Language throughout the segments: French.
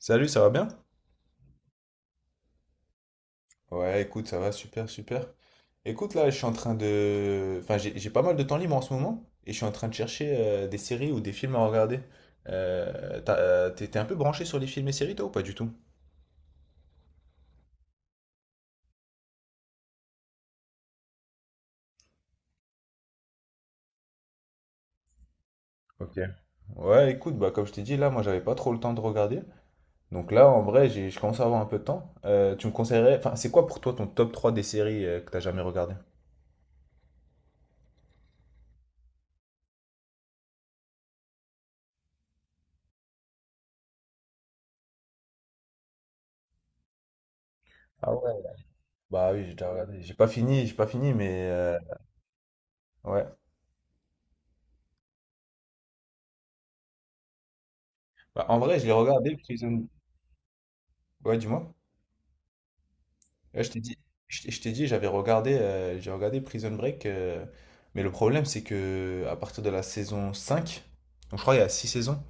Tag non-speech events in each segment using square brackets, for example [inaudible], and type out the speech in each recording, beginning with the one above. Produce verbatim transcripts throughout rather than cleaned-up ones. Salut, ça va bien? Ouais, écoute, ça va super, super. Écoute, là, je suis en train de... Enfin, j'ai j'ai pas mal de temps libre en ce moment et je suis en train de chercher euh, des séries ou des films à regarder. Euh, t'as- euh, t'es t'es un peu branché sur les films et séries, toi, ou pas du tout? Ok. Ouais, écoute, bah, comme je t'ai dit, là, moi, j'avais pas trop le temps de regarder. Donc là, en vrai, j'ai, je commence à avoir un peu de temps. Euh, tu me conseillerais... Enfin, c'est quoi pour toi ton top trois des séries euh, que t'as jamais regardé? Ah ouais, bah oui, j'ai déjà regardé. J'ai pas fini, j'ai pas fini, mais... euh, Ouais. Bah, en vrai, je l'ai regardé, Prison... Ouais, dis-moi. Ouais, je t'ai dit, je t'ai je t'ai dit, j'avais regardé, euh, j'ai regardé Prison Break, euh, mais le problème c'est que à partir de la saison cinq, donc je crois qu'il y a six saisons,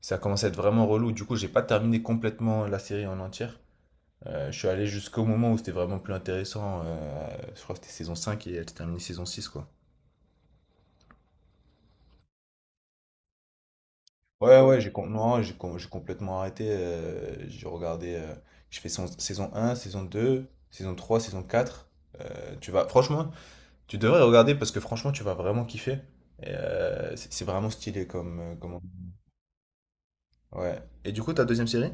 ça a commencé à être vraiment relou. Du coup, j'ai pas terminé complètement la série en entière. Euh, je suis allé jusqu'au moment où c'était vraiment plus intéressant. Euh, je crois que c'était saison cinq et elle s'est terminée saison six quoi. Ouais, ouais, j'ai com- non, j'ai com- j'ai complètement arrêté. Euh, j'ai regardé, euh, j'ai fait saison, saison un, saison deux, saison trois, saison quatre. Euh, tu vas, franchement, tu devrais regarder parce que franchement, tu vas vraiment kiffer. Et, euh, c'est c'est vraiment stylé comme, euh, comme... Ouais. Et du coup, ta deuxième série?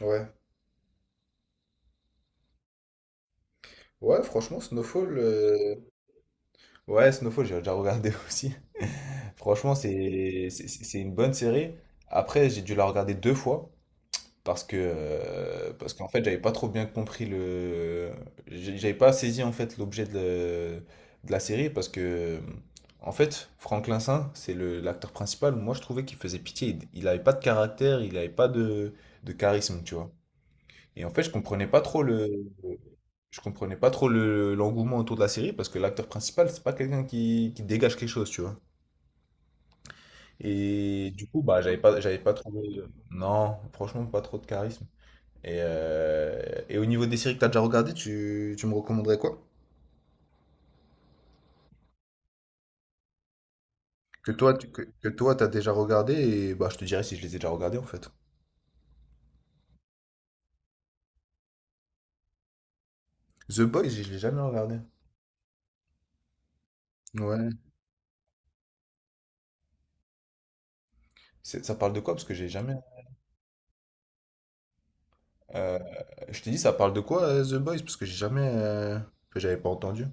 Ouais. Ouais, franchement, Snowfall. euh, Ouais, Snowfall, j'ai déjà regardé [laughs] aussi. Franchement, c'est c'est c'est- c'est une bonne série. Après, j'ai dû la regarder deux fois. Parce que, euh, parce qu'en fait, j'avais pas trop bien compris le. j'ai- J'avais pas saisi en fait l'objet de, de la série parce que, en fait, Franklin Saint, c'est le, l'acteur principal. Moi, je trouvais qu'il faisait pitié. Il, il avait pas de caractère, il avait pas de, de charisme, tu vois. Et en fait, je comprenais pas trop le. Je comprenais pas trop le, l'engouement autour de la série parce que l'acteur principal, c'est pas quelqu'un qui, qui dégage quelque chose, tu vois. Et du coup, bah, j'avais pas, j'avais pas trouvé. Non, franchement, pas trop de charisme. Et, euh, et au niveau des séries que tu as déjà regardées, tu, tu me recommanderais quoi? Que toi, tu, que, que toi, t'as déjà regardé et bah, je te dirais si je les ai déjà regardés en fait. The Boys, je l'ai jamais regardé. Ouais. C'est- Ça parle de quoi? Parce que j'ai jamais. euh, je t'ai dit, ça parle de quoi euh, The Boys? Parce que j'ai jamais. Euh, que j'avais pas entendu.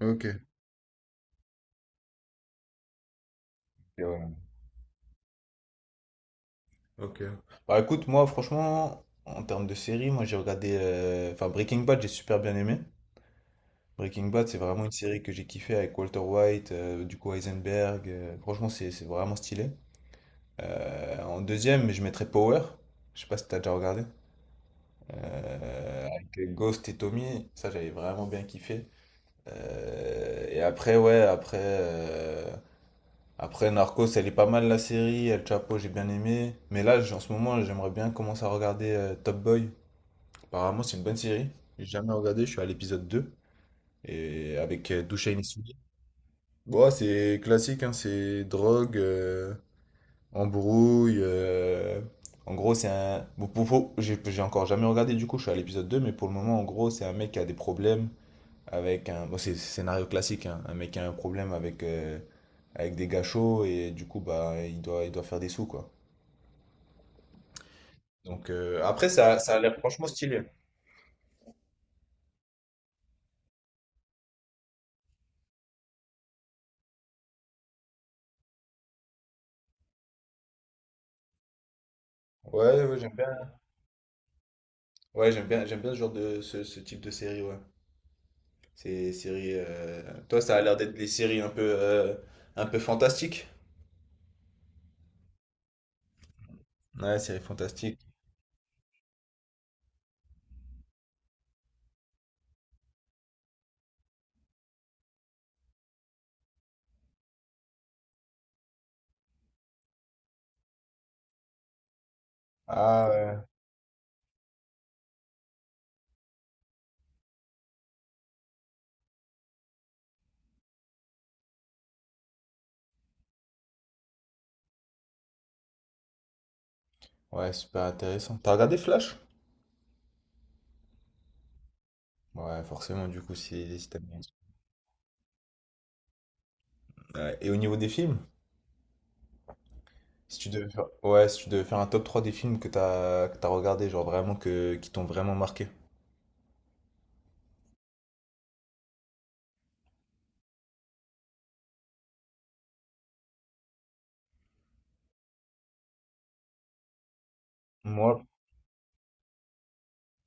Ok. Et ouais. Ok. Bah écoute, moi franchement, en termes de série, moi j'ai regardé. euh, Enfin, Breaking Bad, j'ai super bien aimé. Breaking Bad, c'est vraiment une série que j'ai kiffé avec Walter White, euh, du coup Heisenberg. Euh, franchement, c'est c'est vraiment stylé. Euh, en deuxième, je mettrais Power. Je sais pas si t'as déjà regardé. Avec Ghost et Tommy, ça j'avais vraiment bien kiffé. Euh, et après, ouais, après, euh, après Narcos, elle est pas mal la série. El Chapo, j'ai bien aimé. Mais là, j- en ce moment, j'aimerais bien commencer à regarder euh, Top Boy. Apparemment, c'est une bonne série. J'ai jamais regardé, je suis à l'épisode deux. Et avec euh, Dushane Issoudi. Bon, c'est classique, hein, c'est drogue, euh, embrouille. euh, En gros, c'est un. Bon, pour- pour- J'ai j'ai encore jamais regardé du coup, je suis à l'épisode deux mais pour le moment, en gros, c'est un mec qui a des problèmes avec un. Bon, c'est c'est scénario classique, hein, un mec qui a un problème avec, euh, avec des gars chauds et du coup, bah, il doit, il doit faire des sous, quoi. Donc euh, après, ça, ça a l'air franchement stylé. Ouais, ouais, ouais, j'aime bien. Ouais, j'aime bien, j'aime bien ce genre de ce, ce type de série, ouais. Ces séries. euh, Toi, ça a l'air d'être des séries un peu, euh, un peu fantastiques. Ouais, série fantastique. Ah ouais. Ouais, super intéressant. T'as regardé Flash? Ouais, forcément, du coup, si, si t'aimes bien. Ouais, et au niveau des films, si tu devais faire... Ouais, si tu devais faire un top trois des films que t'as que t'as regardé, genre vraiment que qui t'ont vraiment marqué. Moi,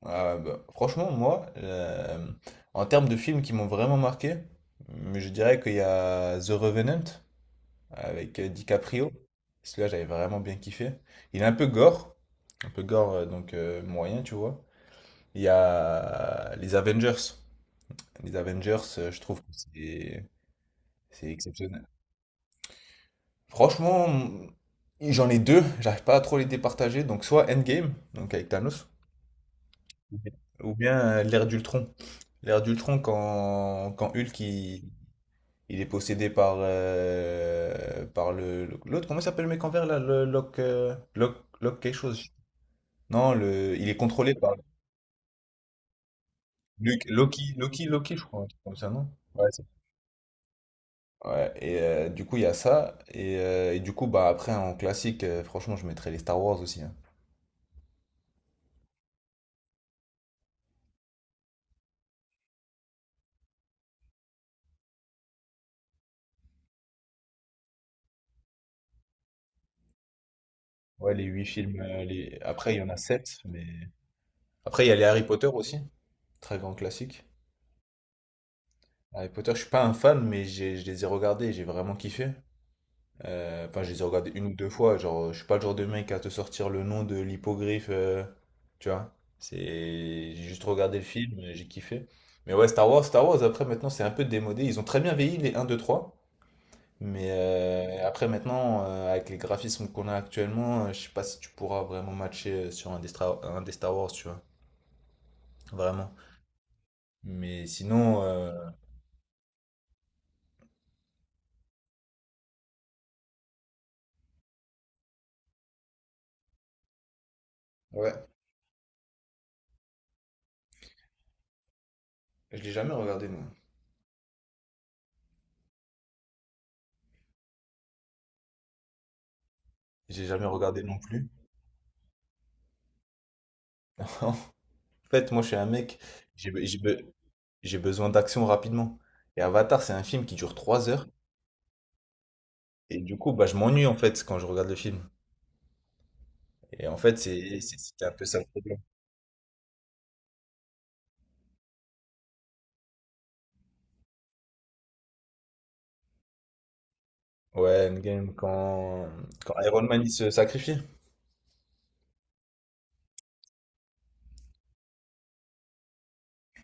euh, bah, franchement, moi, euh, en termes de films qui m'ont vraiment marqué, mais je dirais qu'il y a The Revenant avec euh, DiCaprio. Celui-là, j'avais vraiment bien kiffé. Il est un peu gore, un peu gore, euh, donc euh, moyen, tu vois. Il y a les Avengers. Les Avengers, euh, je trouve que c'est c'est exceptionnel. Franchement, j'en ai deux, j'arrive pas à trop les départager. Donc soit Endgame, donc avec Thanos, ou bien euh, l'ère d'Ultron. L'ère d'Ultron, quand, quand Hulk il, il est possédé par, euh, par le, le- l'autre, comment il s'appelle le mec en vert là? Le Locke, euh, Locke, Locke quelque chose. Non, le, il est contrôlé par Luke, Loki, Loki, Loki, je crois, un truc comme ça, non? Ouais, et euh, du coup, il y a ça. Et, euh, et du coup, bah après, en classique, euh, franchement, je mettrais les Star Wars aussi. Hein. Ouais, les huit films. Euh, les... Après, il y en a sept, mais... Après, il y a les Harry Potter aussi. Très grand classique. Harry Potter, je suis pas un fan, mais j'ai- je les ai regardés et j'ai vraiment kiffé. Euh, Enfin, je les ai regardés une ou deux fois. Genre, je suis pas le genre de mec à te sortir le nom de l'hippogriffe, euh, tu vois. C'est, j'ai juste regardé le film, euh, j'ai kiffé. Mais ouais, Star Wars, Star Wars, après maintenant, c'est un peu démodé. Ils ont très bien vieilli les un deux trois. Mais euh, après maintenant, euh, avec les graphismes qu'on a actuellement, euh, je sais pas si tu pourras vraiment matcher euh, sur un des, Stra- un des Star Wars, tu vois. Vraiment. Mais sinon, euh, ouais, je l'ai jamais regardé, non. J'ai jamais regardé non plus. [laughs] En fait, moi, je suis un mec, j'ai, j'ai, j'ai besoin d'action rapidement. Et Avatar, c'est un film qui dure trois heures. Et du coup, bah, je m'ennuie en fait quand je regarde le film. Et en fait, c'est c'est- c'est un peu ça le problème. Ouais, Endgame, quand, quand Iron Man il se sacrifie.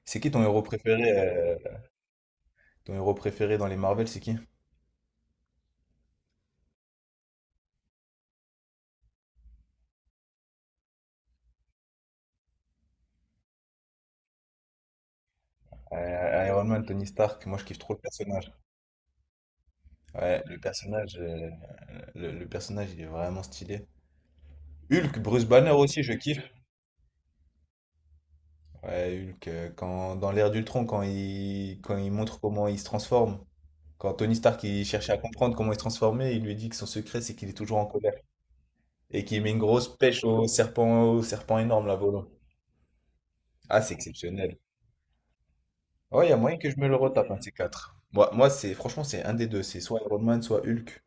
C'est qui ton héros préféré, euh, ton héros préféré dans les Marvel, c'est qui? Euh, Iron Man, Tony Stark, moi je kiffe trop le personnage. Ouais, le personnage, euh, le, le personnage il est vraiment stylé. Hulk, Bruce Banner aussi, je kiffe. Ouais, Hulk, euh, quand, dans l'ère d'Ultron, quand il, quand il montre comment il se transforme. Quand Tony Stark il cherchait à comprendre comment il se transformait, il lui dit que son secret c'est qu'il est toujours en colère et qu'il met une grosse pêche au serpent, au serpent énorme là volant. Ah, c'est exceptionnel. Ouais, il y a moyen que je me le retape, un de ces quatre. Moi, moi c'est franchement c'est un des deux, c'est soit Iron Man, soit Hulk.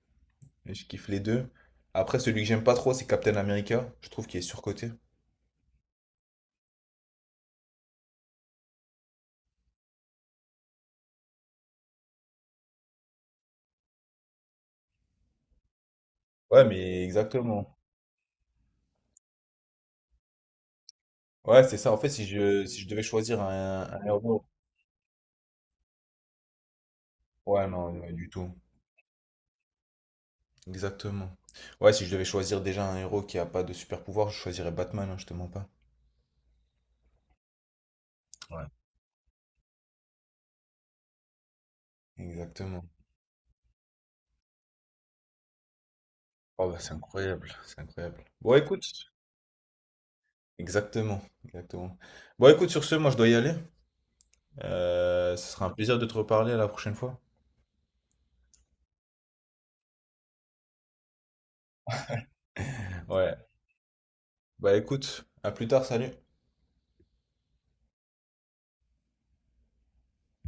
Et je kiffe les deux. Après, celui que j'aime pas trop, c'est Captain America. Je trouve qu'il est surcoté. Ouais, mais exactement. Ouais, c'est ça. En fait, si je, si je devais choisir un, un héros. Ouais, non, ouais, du tout. Exactement. Ouais, si je devais choisir déjà un héros qui a pas de super pouvoir, je choisirais Batman, hein, je te mens pas. Ouais, exactement. Oh, bah, c'est incroyable, c'est incroyable. Bon, écoute, exactement, exactement. Bon, écoute, sur ce, moi, je dois y aller. Euh, ce sera un plaisir de te reparler à la prochaine fois. Ouais, bah, écoute, à plus tard, salut.